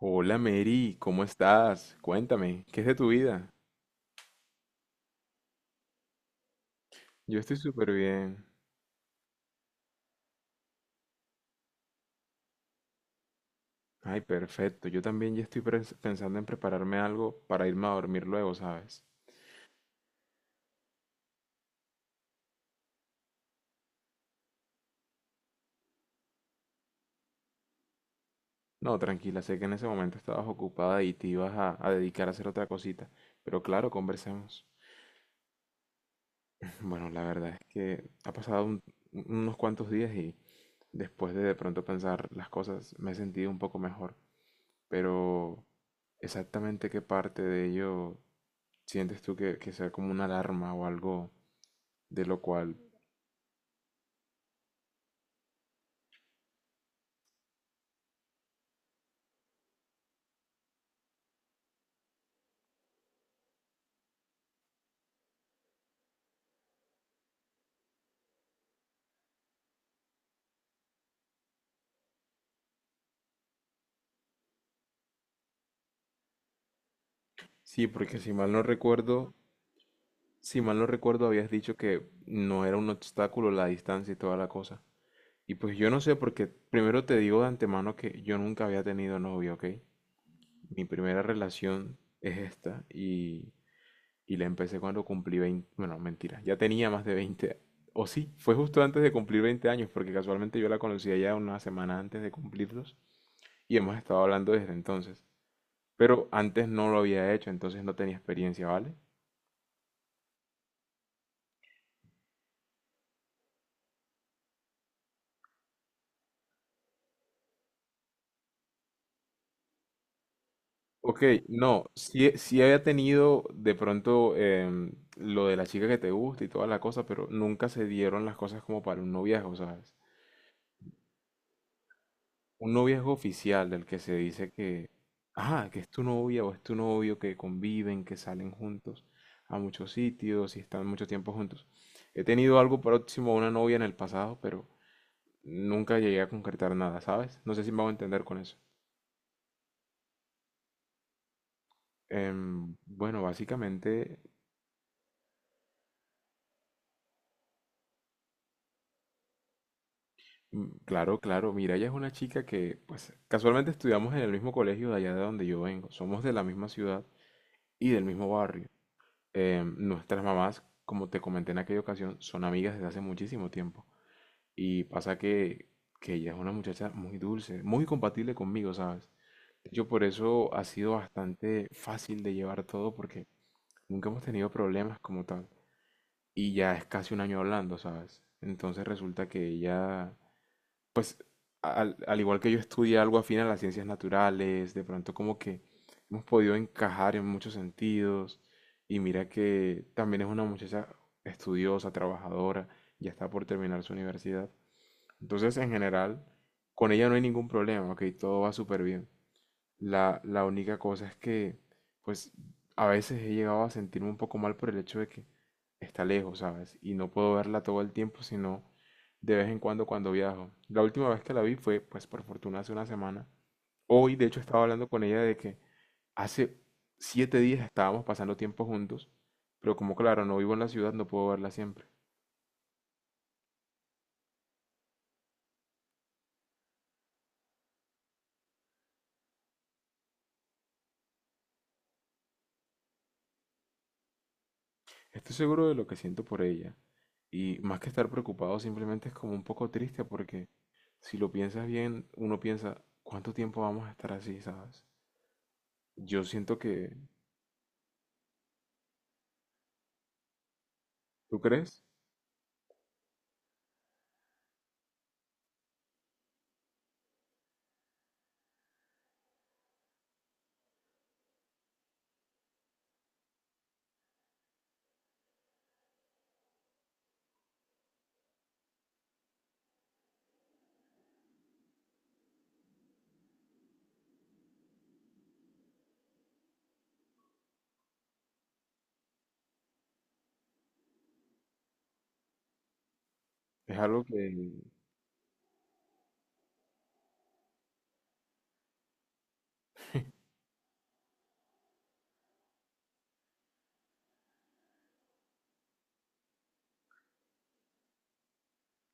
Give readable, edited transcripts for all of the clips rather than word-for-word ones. Hola Mary, ¿cómo estás? Cuéntame, ¿qué es de tu vida? Yo estoy súper bien. Ay, perfecto. Yo también ya estoy pensando en prepararme algo para irme a dormir luego, ¿sabes? No, tranquila, sé que en ese momento estabas ocupada y te ibas a dedicar a hacer otra cosita. Pero claro, conversemos. Bueno, la verdad es que ha pasado unos cuantos días y después de pronto pensar las cosas me he sentido un poco mejor. Pero exactamente qué parte de ello. ¿Sientes tú que sea como una alarma o algo de lo cual... Sí, porque si mal no recuerdo, si mal no recuerdo habías dicho que no era un obstáculo la distancia y toda la cosa. Y pues yo no sé porque primero te digo de antemano que yo nunca había tenido novio, ¿ok? Mi primera relación es esta y la empecé cuando cumplí 20, bueno, mentira, ya tenía más de 20, o sí, fue justo antes de cumplir 20 años porque casualmente yo la conocía ya una semana antes de cumplirlos y hemos estado hablando desde entonces. Pero antes no lo había hecho, entonces no tenía experiencia, ¿vale? Ok, no, sí, sí había tenido de pronto lo de la chica que te gusta y toda la cosa, pero nunca se dieron las cosas como para un noviazgo, ¿sabes? Un noviazgo oficial del que se dice que, ah, que es tu novia o es tu novio, que conviven, que salen juntos a muchos sitios y están mucho tiempo juntos. He tenido algo próximo a una novia en el pasado, pero nunca llegué a concretar nada, ¿sabes? No sé si me hago entender con eso. Bueno, básicamente, claro, claro. Mira, ella es una chica que, pues, casualmente estudiamos en el mismo colegio de allá de donde yo vengo. Somos de la misma ciudad y del mismo barrio. Nuestras mamás, como te comenté en aquella ocasión, son amigas desde hace muchísimo tiempo. Y pasa que ella es una muchacha muy dulce, muy compatible conmigo, ¿sabes? Yo por eso ha sido bastante fácil de llevar todo porque nunca hemos tenido problemas como tal. Y ya es casi un año hablando, ¿sabes? Entonces resulta que ella, pues, al igual que yo estudié algo afín a las ciencias naturales, de pronto como que hemos podido encajar en muchos sentidos y mira que también es una muchacha estudiosa, trabajadora, ya está por terminar su universidad. Entonces, en general, con ella no hay ningún problema, ok, todo va súper bien. La única cosa es que, pues, a veces he llegado a sentirme un poco mal por el hecho de que está lejos, ¿sabes? Y no puedo verla todo el tiempo, sino de vez en cuando cuando viajo. La última vez que la vi fue, pues, por fortuna hace una semana. Hoy, de hecho, estaba hablando con ella de que hace 7 días estábamos pasando tiempo juntos, pero como claro, no vivo en la ciudad, no puedo verla siempre. Estoy seguro de lo que siento por ella. Y más que estar preocupado, simplemente es como un poco triste porque si lo piensas bien, uno piensa, ¿cuánto tiempo vamos a estar así, sabes? Yo siento que, ¿tú crees? Es algo que,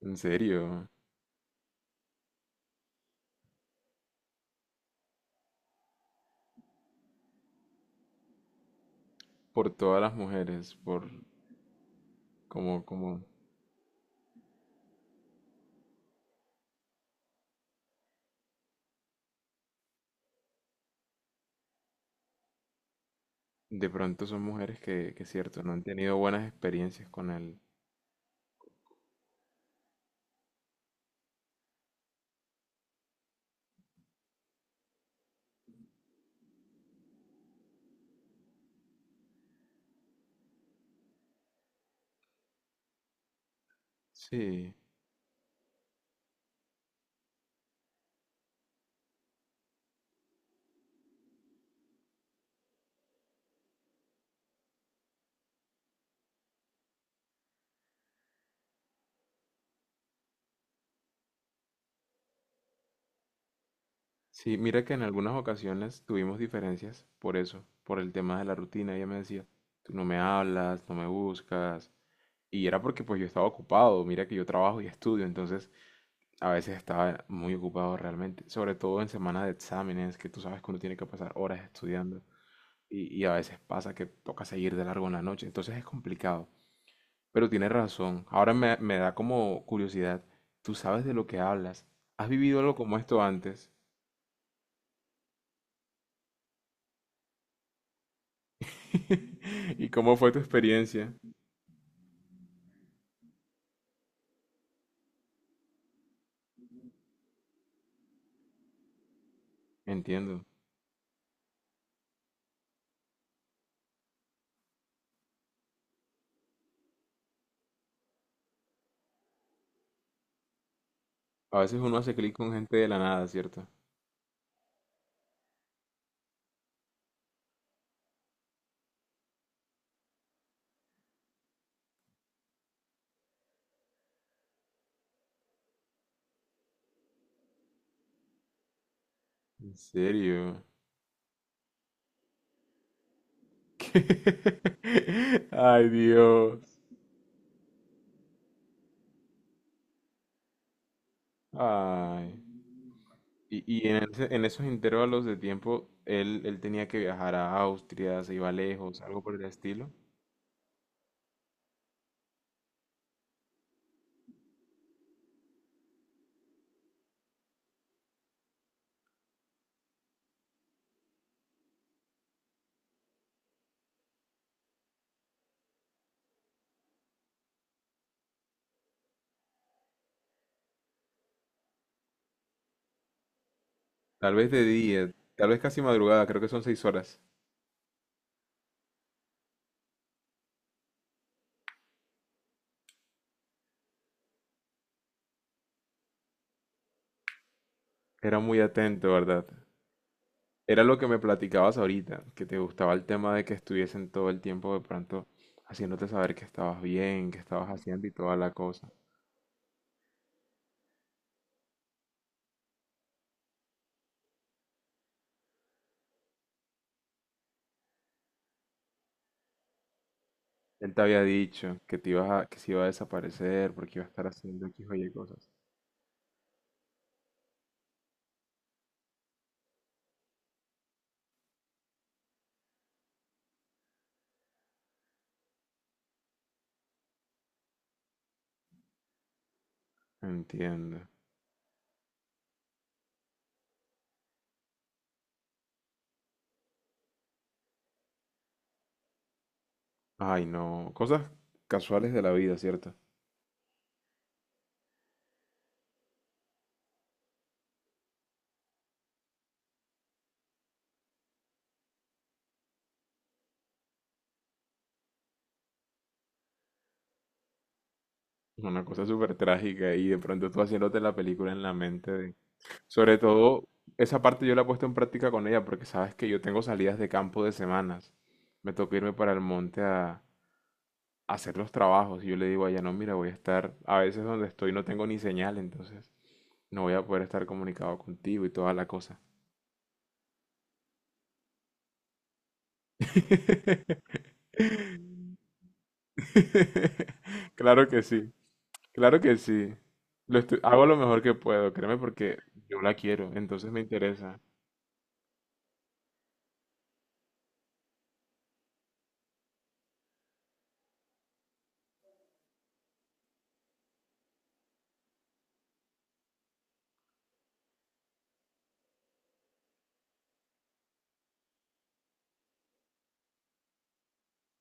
en serio, por todas las mujeres, por como, como, de pronto son mujeres que es cierto, no han tenido buenas experiencias con él. Sí, sí, mira que en algunas ocasiones tuvimos diferencias por eso, por el tema de la rutina. Ella me decía, tú no me hablas, no me buscas. Y era porque pues yo estaba ocupado, mira que yo trabajo y estudio, entonces a veces estaba muy ocupado realmente, sobre todo en semanas de exámenes, que tú sabes que uno tiene que pasar horas estudiando y a veces pasa que toca seguir de largo en la noche, entonces es complicado. Pero tienes razón, ahora me da como curiosidad, tú sabes de lo que hablas, ¿has vivido algo como esto antes? ¿Y cómo fue tu experiencia? Entiendo. A veces uno hace clic con gente de la nada, ¿cierto? En serio. Ay, Dios. Ay. Y en esos intervalos de tiempo, él tenía que viajar a Austria, se iba lejos, algo por el estilo. Tal vez de día, tal vez casi madrugada, creo que son 6 horas. Era muy atento, ¿verdad? Era lo que me platicabas ahorita, que te gustaba el tema de que estuviesen todo el tiempo de pronto haciéndote saber que estabas bien, que estabas haciendo y toda la cosa. Él te había dicho que te ibas que se iba a desaparecer porque iba a estar haciendo X o Y cosas. Entiendo. Ay, no. Cosas casuales de la vida, ¿cierto? Una cosa súper trágica y de pronto tú haciéndote la película en la mente de... Sobre todo, esa parte yo la he puesto en práctica con ella porque sabes que yo tengo salidas de campo de semanas. Me toca irme para el monte a hacer los trabajos. Y yo le digo a ella, no, mira, voy a estar, a veces donde estoy no tengo ni señal, entonces no voy a poder estar comunicado contigo y toda la cosa. Claro que sí, claro que sí. Hago lo mejor que puedo, créeme, porque yo la quiero, entonces me interesa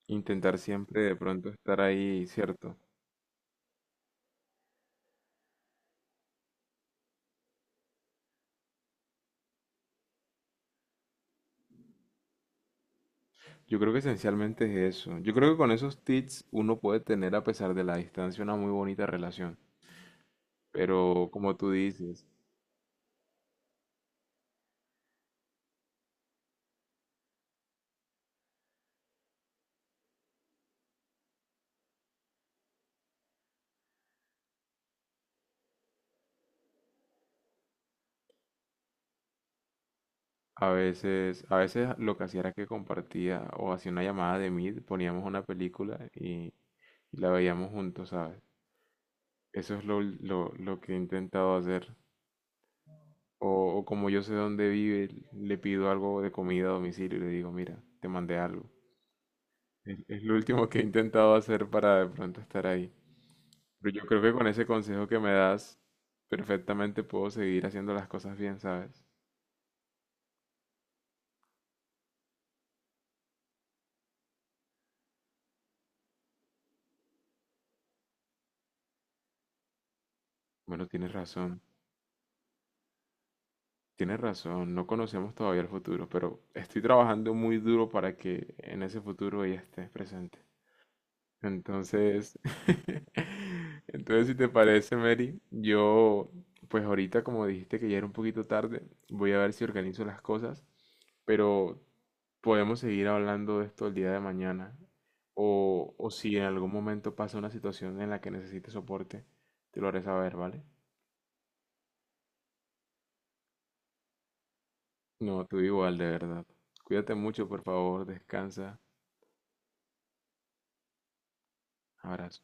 intentar siempre de pronto estar ahí, ¿cierto? Yo creo que esencialmente es eso. Yo creo que con esos tips uno puede tener, a pesar de la distancia, una muy bonita relación. Pero como tú dices, a veces, a veces lo que hacía era que compartía o hacía una llamada de Meet, poníamos una película y la veíamos juntos, ¿sabes? Eso es lo que he intentado hacer. O, o como yo sé dónde vive, le pido algo de comida a domicilio y le digo, mira, te mandé algo. Es lo último que he intentado hacer para de pronto estar ahí. Pero yo creo que con ese consejo que me das, perfectamente puedo seguir haciendo las cosas bien, ¿sabes? Bueno, tienes razón. Tienes razón, no conocemos todavía el futuro, pero estoy trabajando muy duro para que en ese futuro ella esté presente. Entonces, entonces si te parece, Mary, yo, pues ahorita como dijiste que ya era un poquito tarde, voy a ver si organizo las cosas, pero podemos seguir hablando de esto el día de mañana. O si en algún momento pasa una situación en la que necesites soporte, te lo haré saber, ¿vale? No, tú igual, de verdad. Cuídate mucho, por favor, descansa. Abrazo.